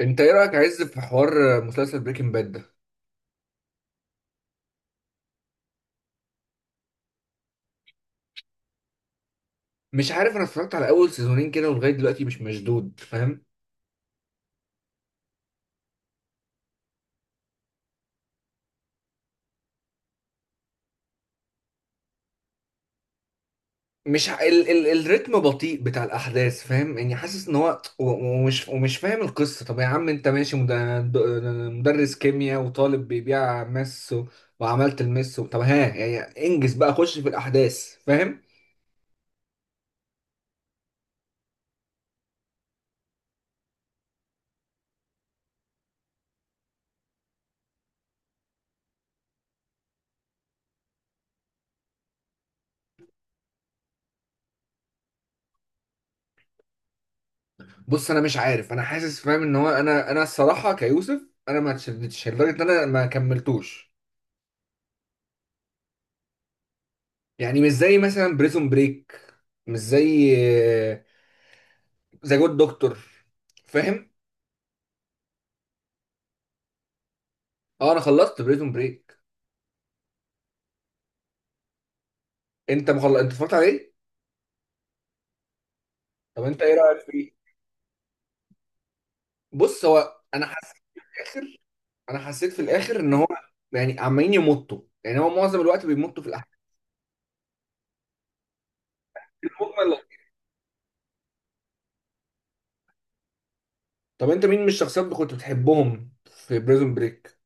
انت ايه رايك يا عز في حوار مسلسل بريكنج باد ده؟ مش عارف، انا اتفرجت على اول سيزونين كده ولغايه دلوقتي مش مشدود، فاهم؟ مش ع... ال... ال... الريتم بطيء بتاع الاحداث، فاهم؟ يعني حاسس ان هو و... ومش ومش فاهم القصه. طب يا عم انت ماشي د- مدرس كيمياء وطالب بيبيع مس وعملت المس طب ها يعني انجز بقى، خش في الاحداث، فاهم؟ بص انا مش عارف، انا حاسس فاهم ان هو، انا الصراحه كيوسف، انا ما اتشدتش لدرجه ان انا ما كملتوش. يعني مش زي مثلا بريزون بريك، مش زي ذا جود دكتور، فاهم؟ اه انا خلصت بريزون بريك. انت مخلص؟ انت اتفرجت عليه؟ طب انت ايه رايك فيه؟ بص هو انا حاسس في الاخر، انا حسيت في الاخر ان هو يعني عمالين يمطوا، يعني هو معظم الوقت بيمطوا في الاحداث المجمل. طب انت مين من الشخصيات اللي كنت بتحبهم في بريزون بريك؟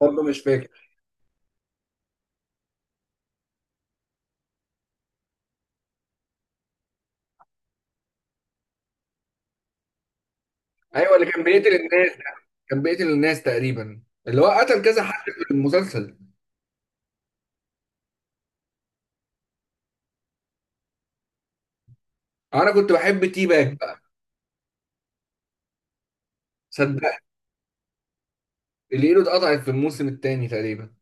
برضه مش فاكر. ايوه اللي كان بيقتل الناس، كان بيقتل الناس تقريبا، اللي هو قتل كذا حد في المسلسل. انا كنت بحب تي باك بقى. صدق. اللي ايده اتقطعت في الموسم الثاني تقريبا.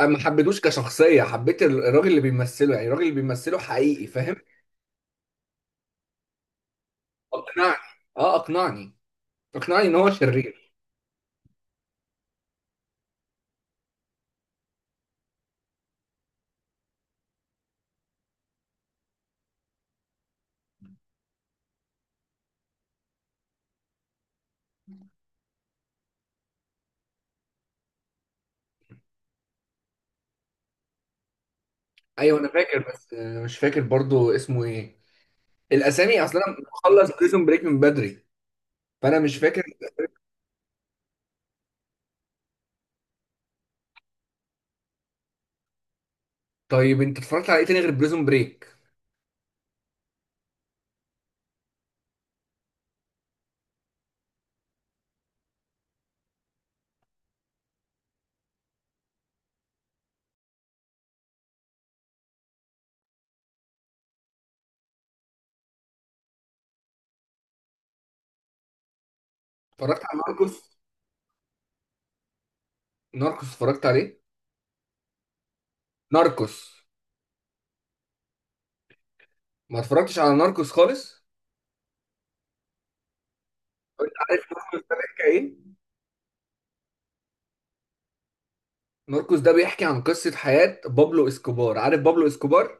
انا ما حبيتوش كشخصيه، حبيت الراجل اللي بيمثله، يعني الراجل اللي بيمثله حقيقي، فاهم؟ اقنعني، اه اقنعني، اقنعني ان هو شرير. ايوه انا فاكر بس مش فاكر برضو اسمه ايه. الاسامي اصلا انا مخلص بريزون بريك من بدري، فانا مش فاكر. طيب انت اتفرجت على ايه تاني غير بريزون بريك؟ اتفرجت على ناركوس. ناركوس اتفرجت عليه؟ ناركوس؟ ما اتفرجتش على ناركوس خالص. عارف ناركوس ده بيحكي ايه؟ ناركوس ده بيحكي عن قصه حياه بابلو اسكوبار. عارف بابلو اسكوبار؟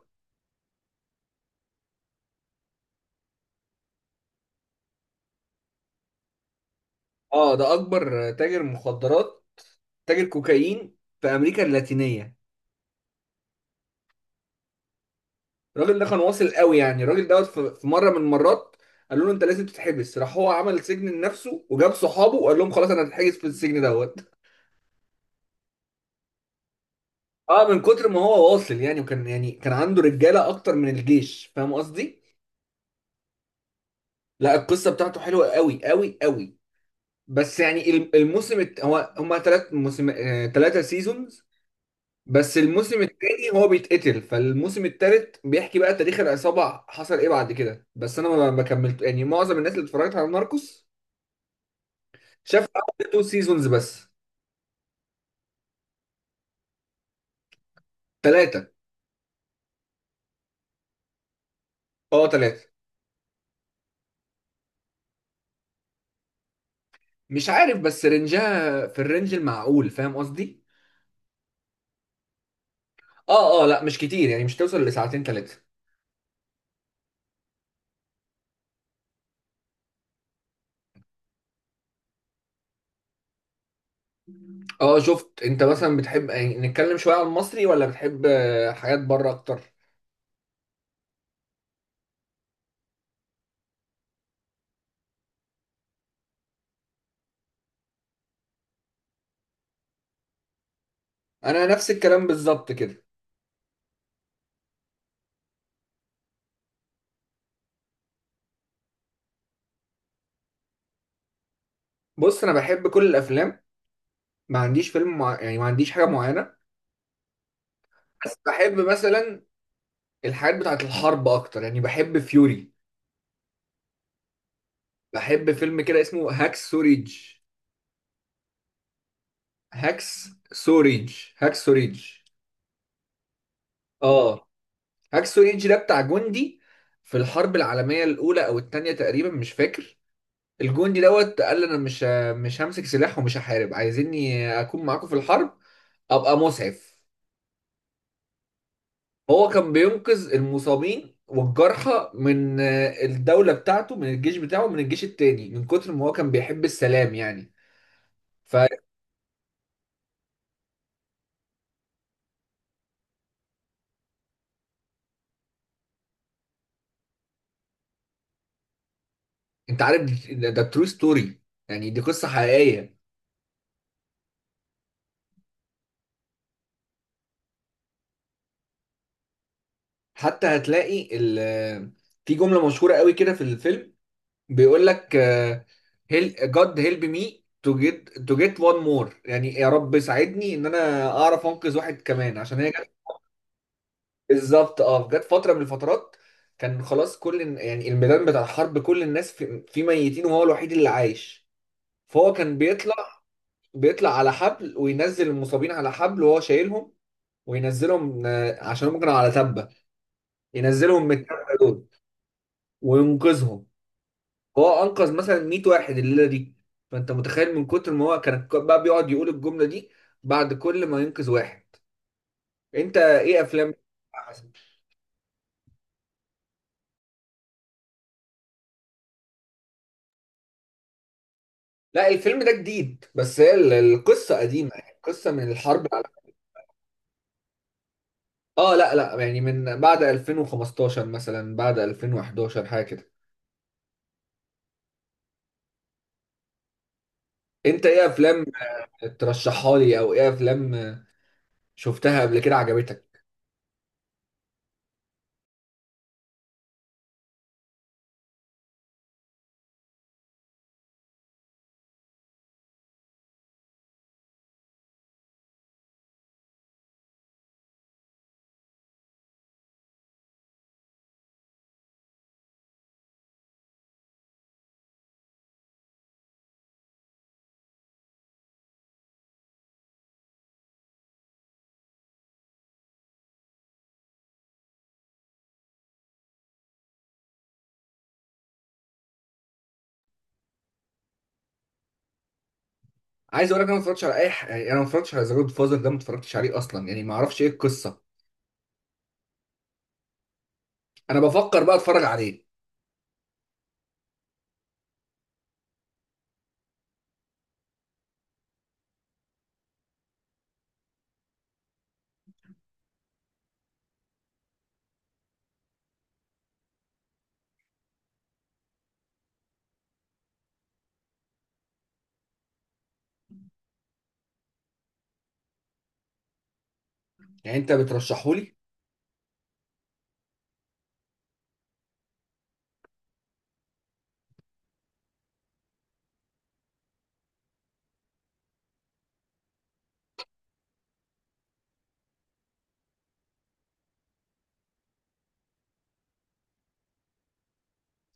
اه ده اكبر تاجر مخدرات، تاجر كوكايين في امريكا اللاتينيه. الراجل ده كان واصل قوي، يعني الراجل دوت في مره من المرات قالوا له انت لازم تتحبس، راح هو عمل سجن لنفسه وجاب صحابه وقال لهم خلاص انا هتحجز في السجن دوت. اه من كتر ما هو واصل، يعني وكان يعني كان عنده رجاله اكتر من الجيش، فاهم قصدي؟ لا القصه بتاعته حلوه قوي قوي قوي. بس يعني هو هما ثلاث موسم، ثلاثه سيزونز. بس الموسم التاني هو بيتقتل، فالموسم التالت بيحكي بقى تاريخ العصابة حصل ايه بعد كده. بس انا ما كملت، يعني معظم الناس اللي اتفرجت على ناركوس شاف اول تو سيزونز بس. ثلاثة. اه ثلاثة. مش عارف، بس رنجها في الرنج المعقول، فاهم قصدي؟ اه اه، لا مش كتير يعني، مش توصل لساعتين ثلاثة. اه شفت. انت مثلا بتحب، يعني نتكلم شوية عن المصري، ولا بتحب حاجات بره اكتر؟ انا نفس الكلام بالظبط كده. بص انا بحب كل الافلام، ما عنديش يعني ما عنديش حاجة معينة. بس بحب مثلا الحاجات بتاعت الحرب اكتر، يعني بحب فيوري، بحب فيلم كده اسمه هاكس سوريج، هاكس سوريج هاكس سوريج. اه هاكس سوريج ده بتاع جندي في الحرب العالميه الاولى او الثانيه تقريبا، مش فاكر. الجندي دوت قال انا مش همسك سلاح ومش هحارب، عايزيني اكون معاكم في الحرب ابقى مسعف. هو كان بينقذ المصابين والجرحى من الدولة بتاعته، من الجيش بتاعه من الجيش التاني، من كتر ما هو كان بيحب السلام يعني. فانت عارف، ده ترو ستوري، يعني دي قصة حقيقية. حتى هتلاقي ال آه، في جملة مشهورة قوي كده في الفيلم، بيقول لك God help me to get one more، يعني يا رب ساعدني ان انا اعرف انقذ واحد كمان عشان هي. بالظبط اه. جت فتره من الفترات كان خلاص يعني الميدان بتاع الحرب كل الناس فيه ميتين وهو الوحيد اللي عايش. فهو كان بيطلع، بيطلع على حبل وينزل المصابين على حبل وهو شايلهم، وينزلهم عشان هم كانوا على تبه، ينزلهم من التبه دول وينقذهم. هو انقذ مثلا 100 واحد الليله دي، فانت متخيل من كتر ما هو كان بقى بيقعد يقول الجمله دي بعد كل ما ينقذ واحد. انت ايه افلام؟ لا الفيلم ده جديد، بس هي القصة قديمة، يعني القصة من الحرب على. اه لا لا، يعني من بعد 2015 مثلا، بعد 2011 حاجة كده. انت ايه افلام ترشحها لي او ايه افلام شفتها قبل كده عجبتك؟ عايز اقول لك، انا ما اتفرجتش على يعني انا ما اتفرجتش على ذا جود فازر ده، ما اتفرجتش عليه اصلا، يعني ما اعرفش ايه القصة. انا بفكر بقى اتفرج عليه. يعني انت بترشحه لي؟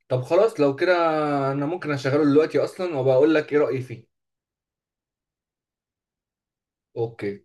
طب خلاص لو كده انا ممكن اشغله دلوقتي اصلا وبقول لك ايه رأيي فيه. اوكي.